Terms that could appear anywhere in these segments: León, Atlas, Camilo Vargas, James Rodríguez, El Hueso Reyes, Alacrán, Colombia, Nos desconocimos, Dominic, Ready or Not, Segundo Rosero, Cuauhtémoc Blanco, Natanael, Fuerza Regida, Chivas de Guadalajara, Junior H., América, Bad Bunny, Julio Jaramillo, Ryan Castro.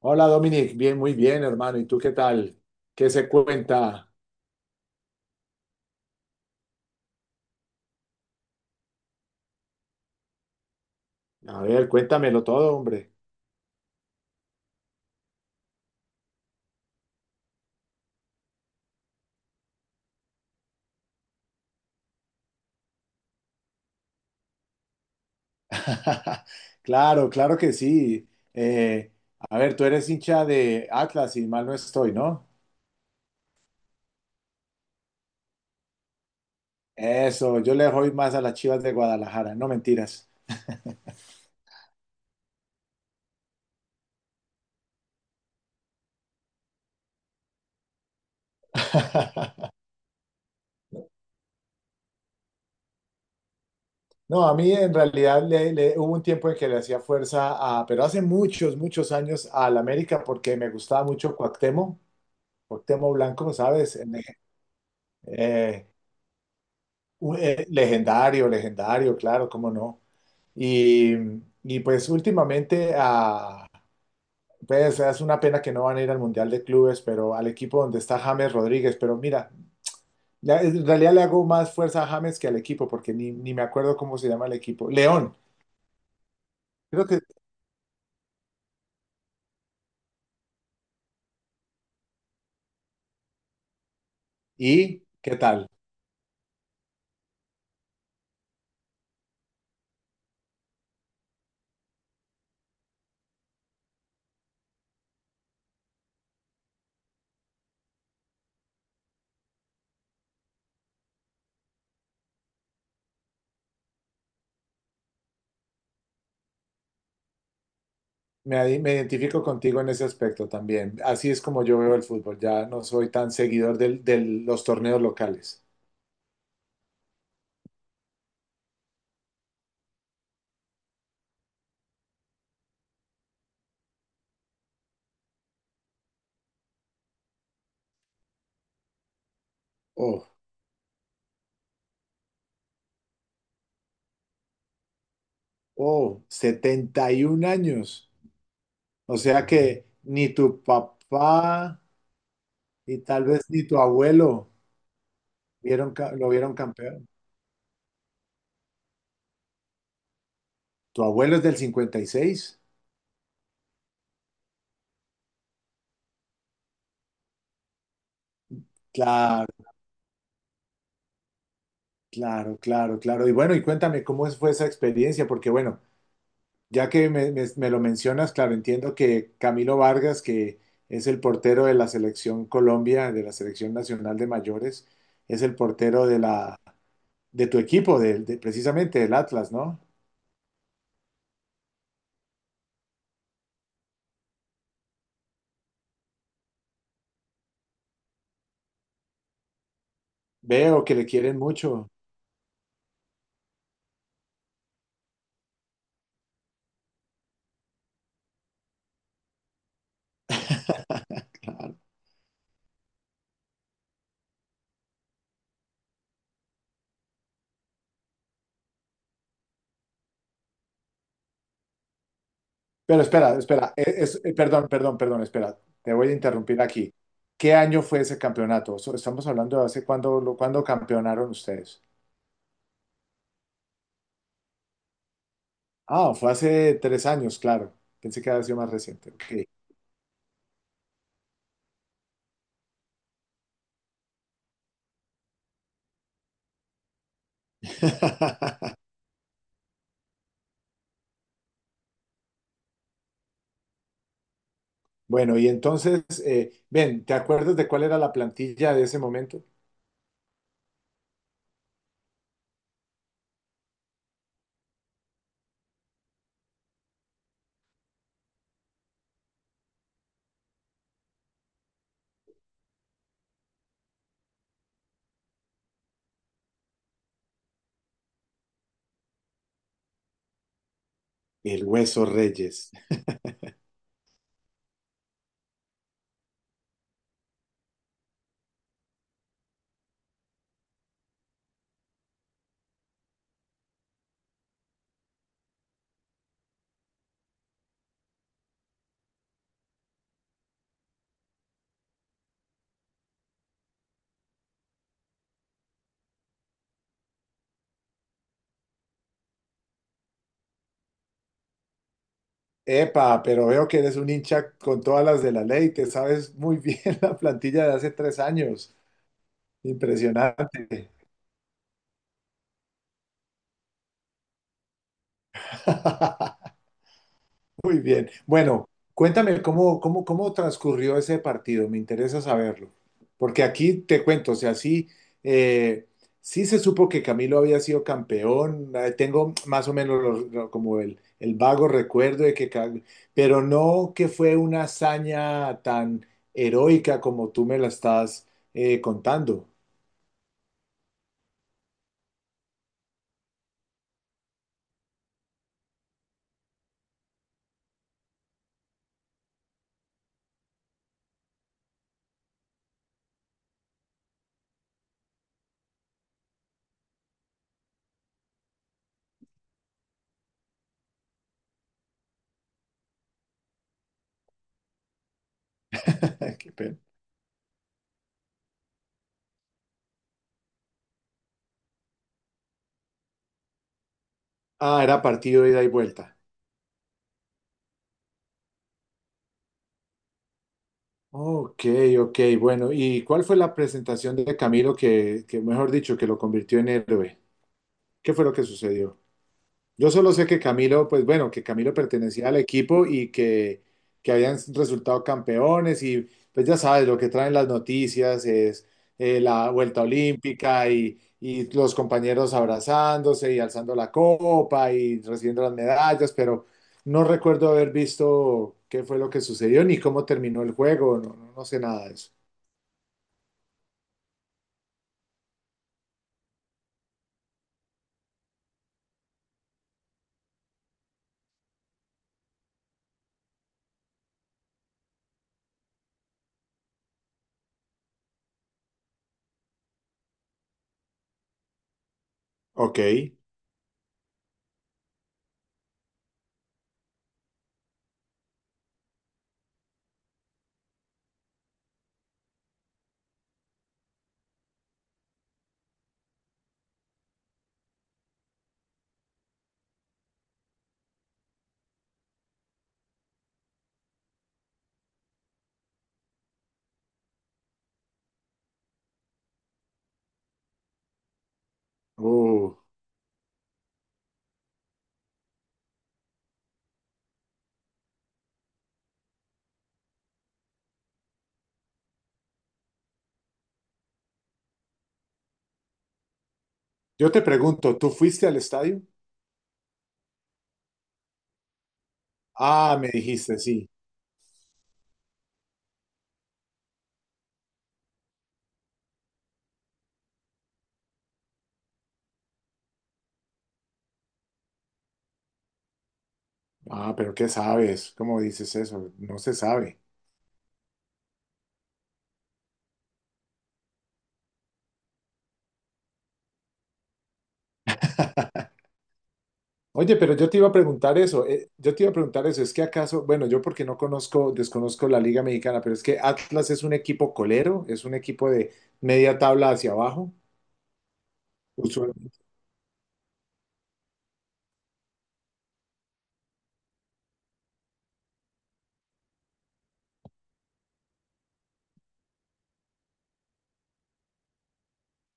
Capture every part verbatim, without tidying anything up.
Hola Dominic, bien, muy bien, hermano. ¿Y tú qué tal? ¿Qué se cuenta? A ver, cuéntamelo todo, hombre. Claro, claro que sí. Eh, a ver, tú eres hincha de Atlas y mal no estoy, ¿no? Eso, yo le doy más a las Chivas de Guadalajara, no mentiras. No, a mí en realidad le, le- hubo un tiempo en que le hacía fuerza a, pero hace muchos, muchos años al América porque me gustaba mucho Cuauhtémoc, Cuauhtémoc Blanco, ¿sabes? En- Eh, u- eh, legendario, legendario, claro, cómo no. Y, y pues últimamente, ah, pues es una pena que no van a ir al Mundial de Clubes, pero al equipo donde está James Rodríguez, pero mira, la- en realidad le hago más fuerza a James que al equipo, porque ni, ni me acuerdo cómo se llama el equipo. León, creo que... ¿Y qué tal? Me, me identifico contigo en ese aspecto también. Así es como yo veo el fútbol. Ya no soy tan seguidor del- de los torneos locales. Oh, oh, setenta y un años. O sea que ni tu papá y tal vez ni tu abuelo vieron, ca- lo vieron campeón. Tu abuelo es del cincuenta y seis. Claro, claro, claro, claro. Y bueno, y cuéntame cómo es- fue esa experiencia, porque bueno, ya que me, me- me lo mencionas, claro, entiendo que Camilo Vargas, que es el portero de la selección Colombia, de la selección nacional de mayores, es el portero de la, de tu equipo, del- de, precisamente del Atlas, ¿no? Veo que le quieren mucho. Pero espera, espera, es, es- eh, perdón, perdón, perdón, espera, te voy a interrumpir aquí. ¿Qué año fue ese campeonato? So- Estamos hablando de hace cuándo, lo- cuándo campeonaron ustedes. Ah, fue hace tres años, claro. Pensé que había sido más reciente. Ok. Bueno, y entonces, eh, ven, ¿te acuerdas de cuál era la plantilla de ese momento? El Hueso Reyes. Epa, pero veo que eres un hincha con todas las de la ley, te sabes muy bien la plantilla de hace tres años. Impresionante. Muy bien. Bueno, cuéntame cómo, cómo, cómo transcurrió ese partido. Me interesa saberlo. Porque aquí te cuento, o sea, sí, eh, sí se supo que Camilo había sido campeón. Eh, Tengo más o menos lo- lo- como el, el vago recuerdo de que, Ca- pero no que fue una hazaña tan heroica como tú me la estás eh, contando. Qué pena. Ah, era partido de ida y vuelta. Ok, ok, bueno. ¿Y cuál fue la presentación de Camilo que, que, mejor dicho, que lo convirtió en héroe? ¿Qué fue lo que sucedió? Yo solo sé que Camilo, pues bueno, que Camilo pertenecía al equipo y que, que habían resultado campeones y pues ya sabes, lo que traen las noticias es eh, la vuelta olímpica y, y los compañeros abrazándose y alzando la copa y recibiendo las medallas, pero no recuerdo haber visto qué fue lo que sucedió ni cómo terminó el juego, no, no no sé nada de eso. Ok. Uh, Yo te pregunto, ¿tú fuiste al estadio? Ah, me dijiste, sí. Ah, pero ¿qué sabes? ¿Cómo dices eso? No se sabe. Oye, pero yo te iba a preguntar eso. eh, yo te iba a preguntar eso. Es que acaso, bueno, yo porque no conozco, desconozco la Liga Mexicana, pero es que Atlas es un equipo colero, es un equipo de media tabla hacia abajo. Usual-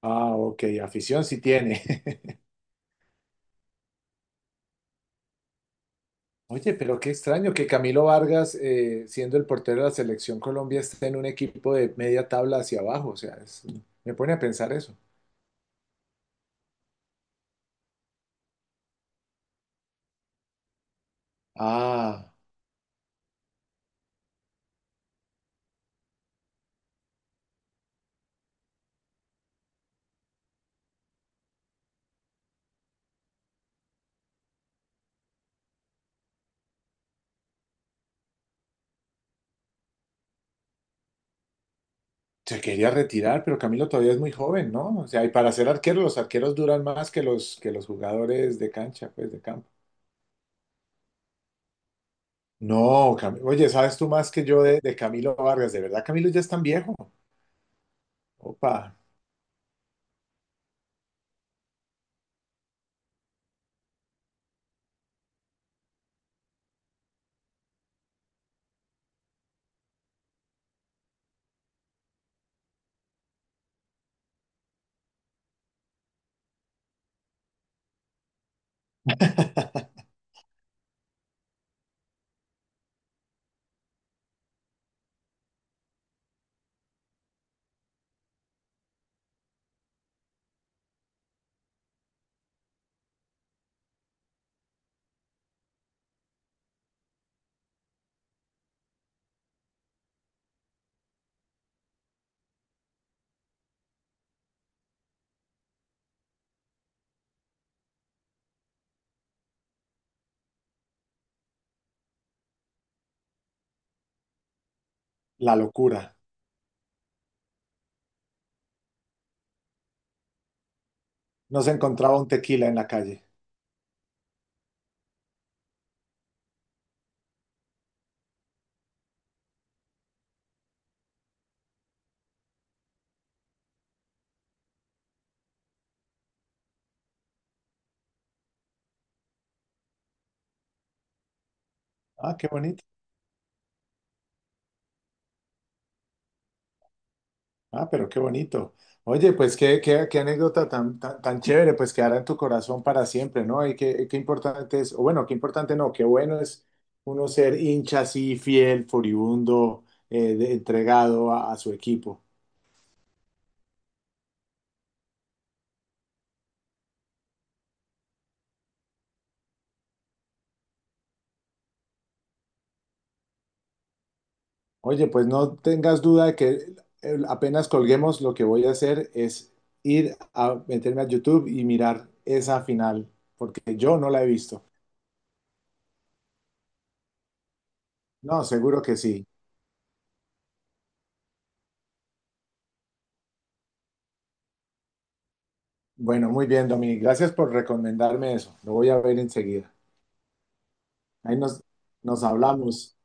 Ah, ok, afición sí tiene. Oye, pero qué extraño que Camilo Vargas, eh, siendo el portero de la selección Colombia, esté en un equipo de media tabla hacia abajo. O sea, es- me pone a pensar eso. Ah, se quería retirar, pero Camilo todavía es muy joven, ¿no? O sea, y para ser arquero, los arqueros duran más que los, que los jugadores de cancha, pues, de campo. No, Cam- oye, ¿sabes tú más que yo de, de Camilo Vargas? ¿De verdad Camilo ya es tan viejo? Opa, la locura. No se encontraba un tequila en la calle. Ah, qué bonito. Ah, pero qué bonito. Oye, pues qué, qué, qué anécdota tan, tan, tan chévere, pues quedará en tu corazón para siempre, ¿no? Y qué, qué importante es, o bueno, qué importante no, qué bueno es uno ser hincha así, fiel, furibundo, eh, de- entregado a, a su equipo. Oye, pues no tengas duda de que eh, apenas colguemos, lo que voy a hacer es ir a meterme a YouTube y mirar esa final, porque yo no la he visto. No, seguro que sí. Bueno, muy bien, Dominic. Gracias por recomendarme eso. Lo voy a ver enseguida. Ahí nos, nos hablamos.